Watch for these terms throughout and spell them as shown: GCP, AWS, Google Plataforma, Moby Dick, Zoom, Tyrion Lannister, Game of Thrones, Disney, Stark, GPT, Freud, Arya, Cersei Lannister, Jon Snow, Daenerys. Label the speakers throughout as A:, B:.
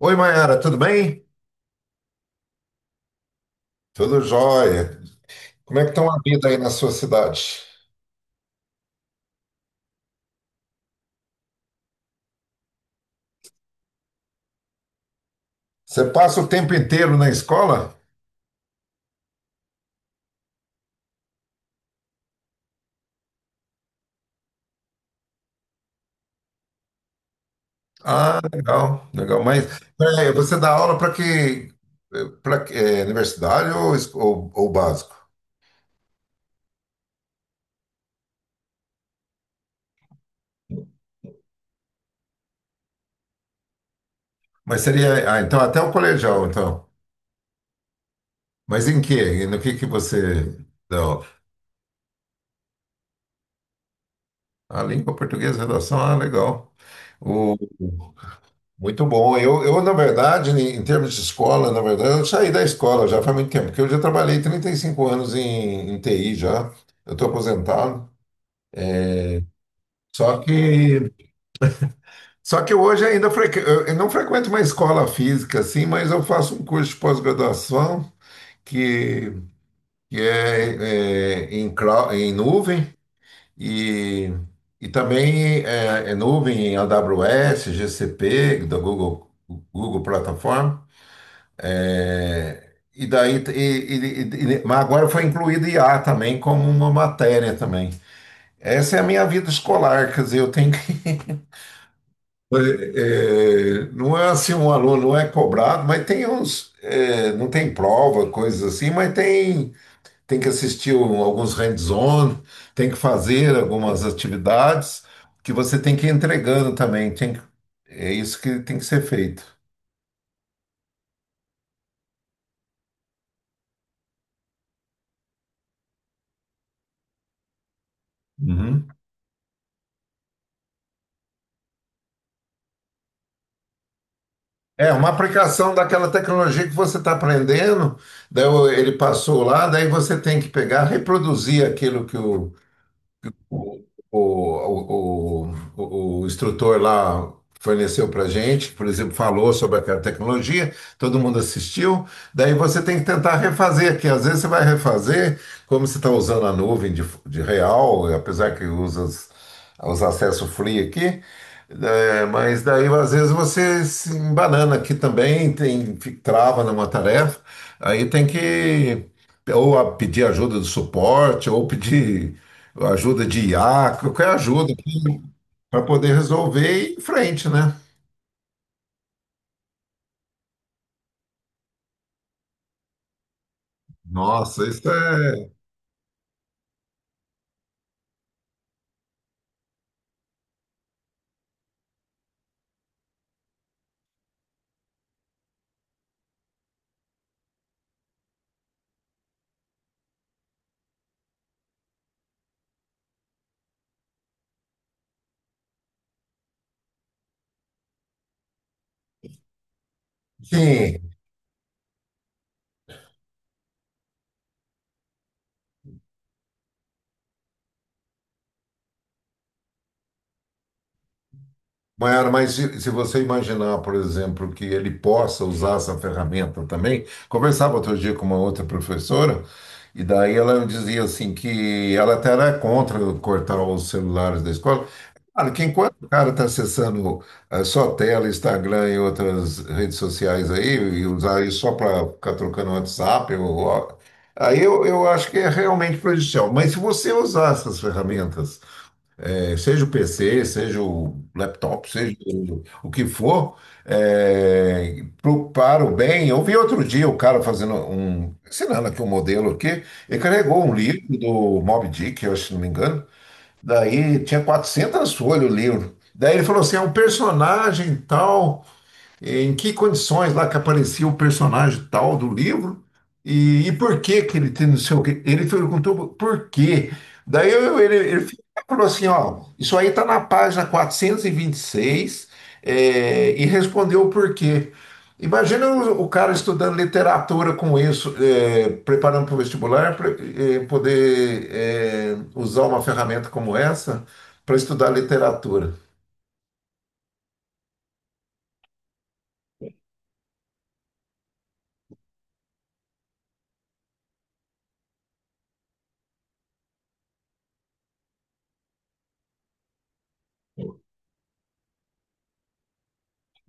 A: Oi, Mayara, tudo bem? Tudo jóia. Como é que estão a vida aí na sua cidade? Você passa o tempo inteiro na escola? Ah, legal, legal. Mas você dá aula para que, para universidade ou básico? Mas seria, ah, então até o colegial, então. Mas em quê? E no que você dá aula? A língua portuguesa, redação, ah, legal. Muito bom. Eu, na verdade, em termos de escola, na verdade, eu saí da escola já faz muito tempo, porque eu já trabalhei 35 anos em TI já. Eu estou aposentado. Só que, só que hoje ainda frequ... eu não frequento uma escola física assim, mas eu faço um curso de pós-graduação que, que é, em nuvem e, e também é nuvem em AWS, GCP, da Google, Google Plataforma. É, E daí, mas agora foi incluído IA também como uma matéria também. Essa é a minha vida escolar, quer dizer, eu tenho que. eh, não é assim, um aluno não é cobrado, mas tem uns. Não tem prova, coisas assim, mas tem que assistir alguns hands-on, tem que fazer algumas atividades que você tem que ir entregando também. É isso que tem que ser feito. Uhum. É uma aplicação daquela tecnologia que você está aprendendo, daí ele passou lá, daí você tem que pegar, reproduzir aquilo que o, o instrutor lá forneceu para gente, por exemplo, falou sobre aquela tecnologia, todo mundo assistiu. Daí você tem que tentar refazer, que às vezes você vai refazer, como você está usando a nuvem de real, apesar que usa os acessos free aqui. Mas daí às vezes você se embanana aqui também, trava numa tarefa, aí tem que pedir ajuda do suporte, ou pedir ajuda de IA, qualquer ajuda para poder resolver e ir em frente, né? Nossa, isso é. Sim, Maiara, mas se você imaginar, por exemplo, que ele possa usar essa ferramenta também, conversava outro dia com uma outra professora, e daí ela dizia assim que ela até era contra cortar os celulares da escola. Claro que enquanto o cara está acessando só tela, Instagram e outras redes sociais aí, e usar isso só para ficar trocando WhatsApp, aí eu acho que é realmente prejudicial. Mas se você usar essas ferramentas seja o PC, seja o laptop, seja o que for, para o bem. Eu vi outro dia o cara fazendo ensinando aqui um modelo aqui, ele carregou um livro do Moby Dick, eu acho, se não me engano, daí tinha 400 folhas o livro. Daí ele falou assim, é um personagem tal, em que condições lá que aparecia o personagem tal do livro e por que que ele tem não sei o quê. Ele perguntou por quê. Daí ele falou assim, ó, isso aí tá na página 426 e respondeu o porquê. Imagina o cara estudando literatura com isso, preparando para o vestibular, pra, poder usar uma ferramenta como essa para estudar literatura.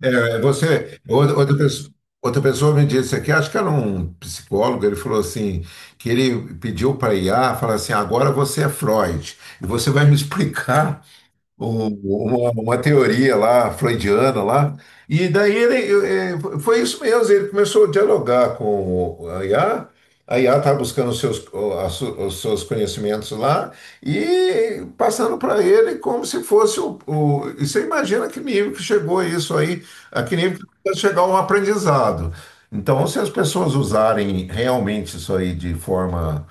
A: É, é, você, outra, outra pessoa me disse aqui, acho que era um psicólogo, ele falou assim, que ele pediu para IA, falar assim, agora você é Freud, e você vai me explicar uma teoria lá, freudiana lá. E daí foi isso mesmo, ele começou a dialogar com a IA, a IA estava buscando os seus, o- a su- os seus conhecimentos lá e passando para ele como se fosse o. E você imagina que nível que chegou isso aí, a que nível que vai chegar um aprendizado. Então, se as pessoas usarem realmente isso aí de forma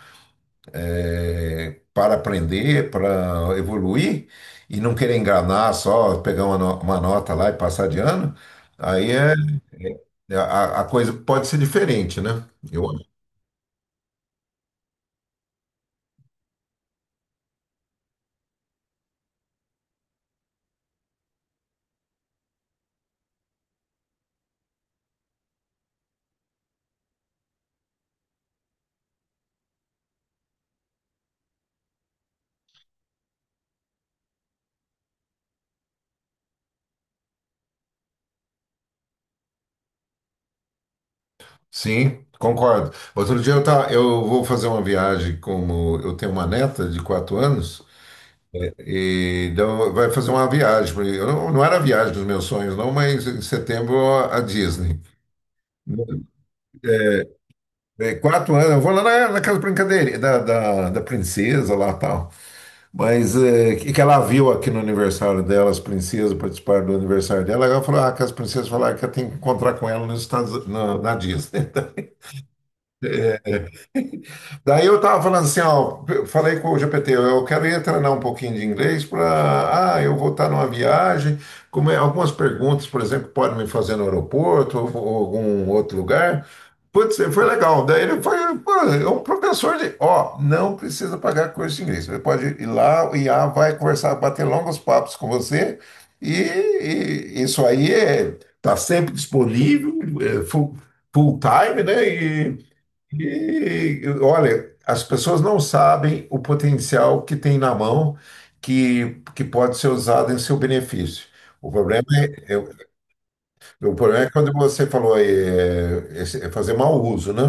A: para aprender, para evoluir e não querer enganar só, pegar uma, no- uma nota lá e passar de ano, aí a coisa pode ser diferente, né? Eu acho. Sim, concordo. Outro dia tá, eu vou fazer uma viagem, como eu tenho uma neta de 4 anos, e então vai fazer uma viagem. Eu não era a viagem dos meus sonhos, não, mas em setembro a Disney. 4 anos, eu vou lá naquela brincadeira da princesa lá e tal. Mas que ela viu aqui no aniversário dela, as princesas participaram do aniversário dela, ela falou, ah, que as princesas falaram que eu tenho que encontrar com ela nos Estados, na Disney. Daí eu tava falando assim, ó, eu falei com o GPT, eu quero ir treinar um pouquinho de inglês para, ah, eu vou estar numa viagem, algumas perguntas, por exemplo, que podem me fazer no aeroporto ou algum outro lugar. Putz, foi legal. Daí ele foi, pô, é um professor de, ó, não precisa pagar curso de inglês. Você pode ir lá, o IA vai conversar, bater longos papos com você e isso aí tá sempre disponível, é full time, né? E, olha, as pessoas não sabem o potencial que tem na mão que pode ser usado em seu benefício. O problema é, é- é quando você falou aí, é fazer mau uso, né?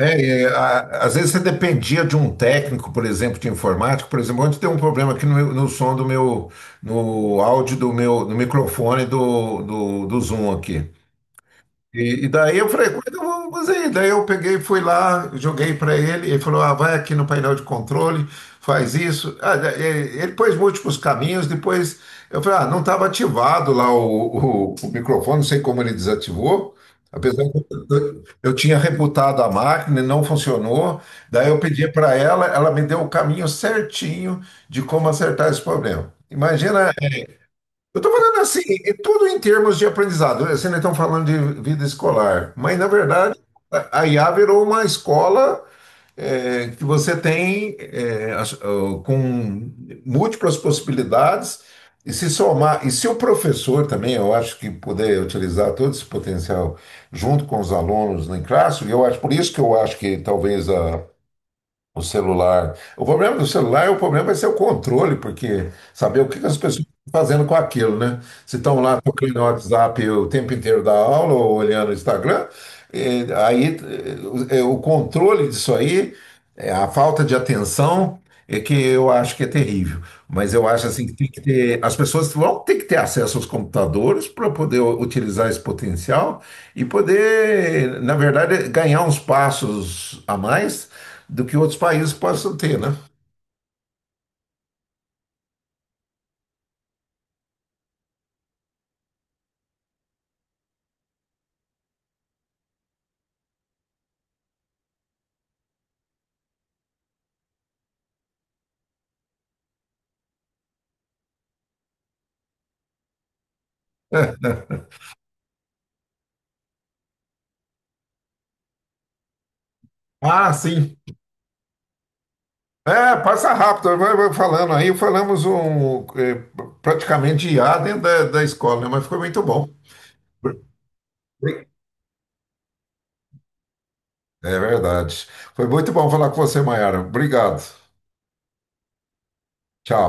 A: Às vezes você dependia de um técnico, por exemplo, de informática. Por exemplo, ontem tem um problema aqui no som do meu, no áudio do meu, no microfone do Zoom aqui. E daí eu falei, quando eu fazer? Daí eu peguei, fui lá, joguei para ele, ele falou, ah, vai aqui no painel de controle, faz isso. Ah, ele pôs múltiplos caminhos, depois eu falei, ah, não estava ativado lá o microfone, não sei como ele desativou, apesar que eu tinha rebutado a máquina, e não funcionou. Daí eu pedi para ela, ela me deu o caminho certinho de como acertar esse problema. Imagina eu estou falando assim, é tudo em termos de aprendizado, né? Assim, não estão falando de vida escolar, mas na verdade a IA virou uma escola, que você tem ó, com múltiplas possibilidades e se somar. E se o professor também, eu acho que puder utilizar todo esse potencial junto com os alunos em classe, eu acho por isso que eu acho que talvez a o celular. O problema do celular é o problema vai ser o controle, porque saber o que que as pessoas estão fazendo com aquilo, né? Se estão lá tocando no WhatsApp o tempo inteiro da aula ou olhando o Instagram, aí o controle disso aí, a falta de atenção é que eu acho que é terrível. Mas eu acho assim que tem que ter, as pessoas vão ter que ter acesso aos computadores para poder utilizar esse potencial e poder, na verdade, ganhar uns passos a mais do que outros países possam ter, né? É. Ah, sim. É, passa rápido, vai falando aí, falamos praticamente de IA dentro da escola, né? Mas foi muito bom. É verdade. Foi muito bom falar com você, Maiara. Obrigado. Tchau.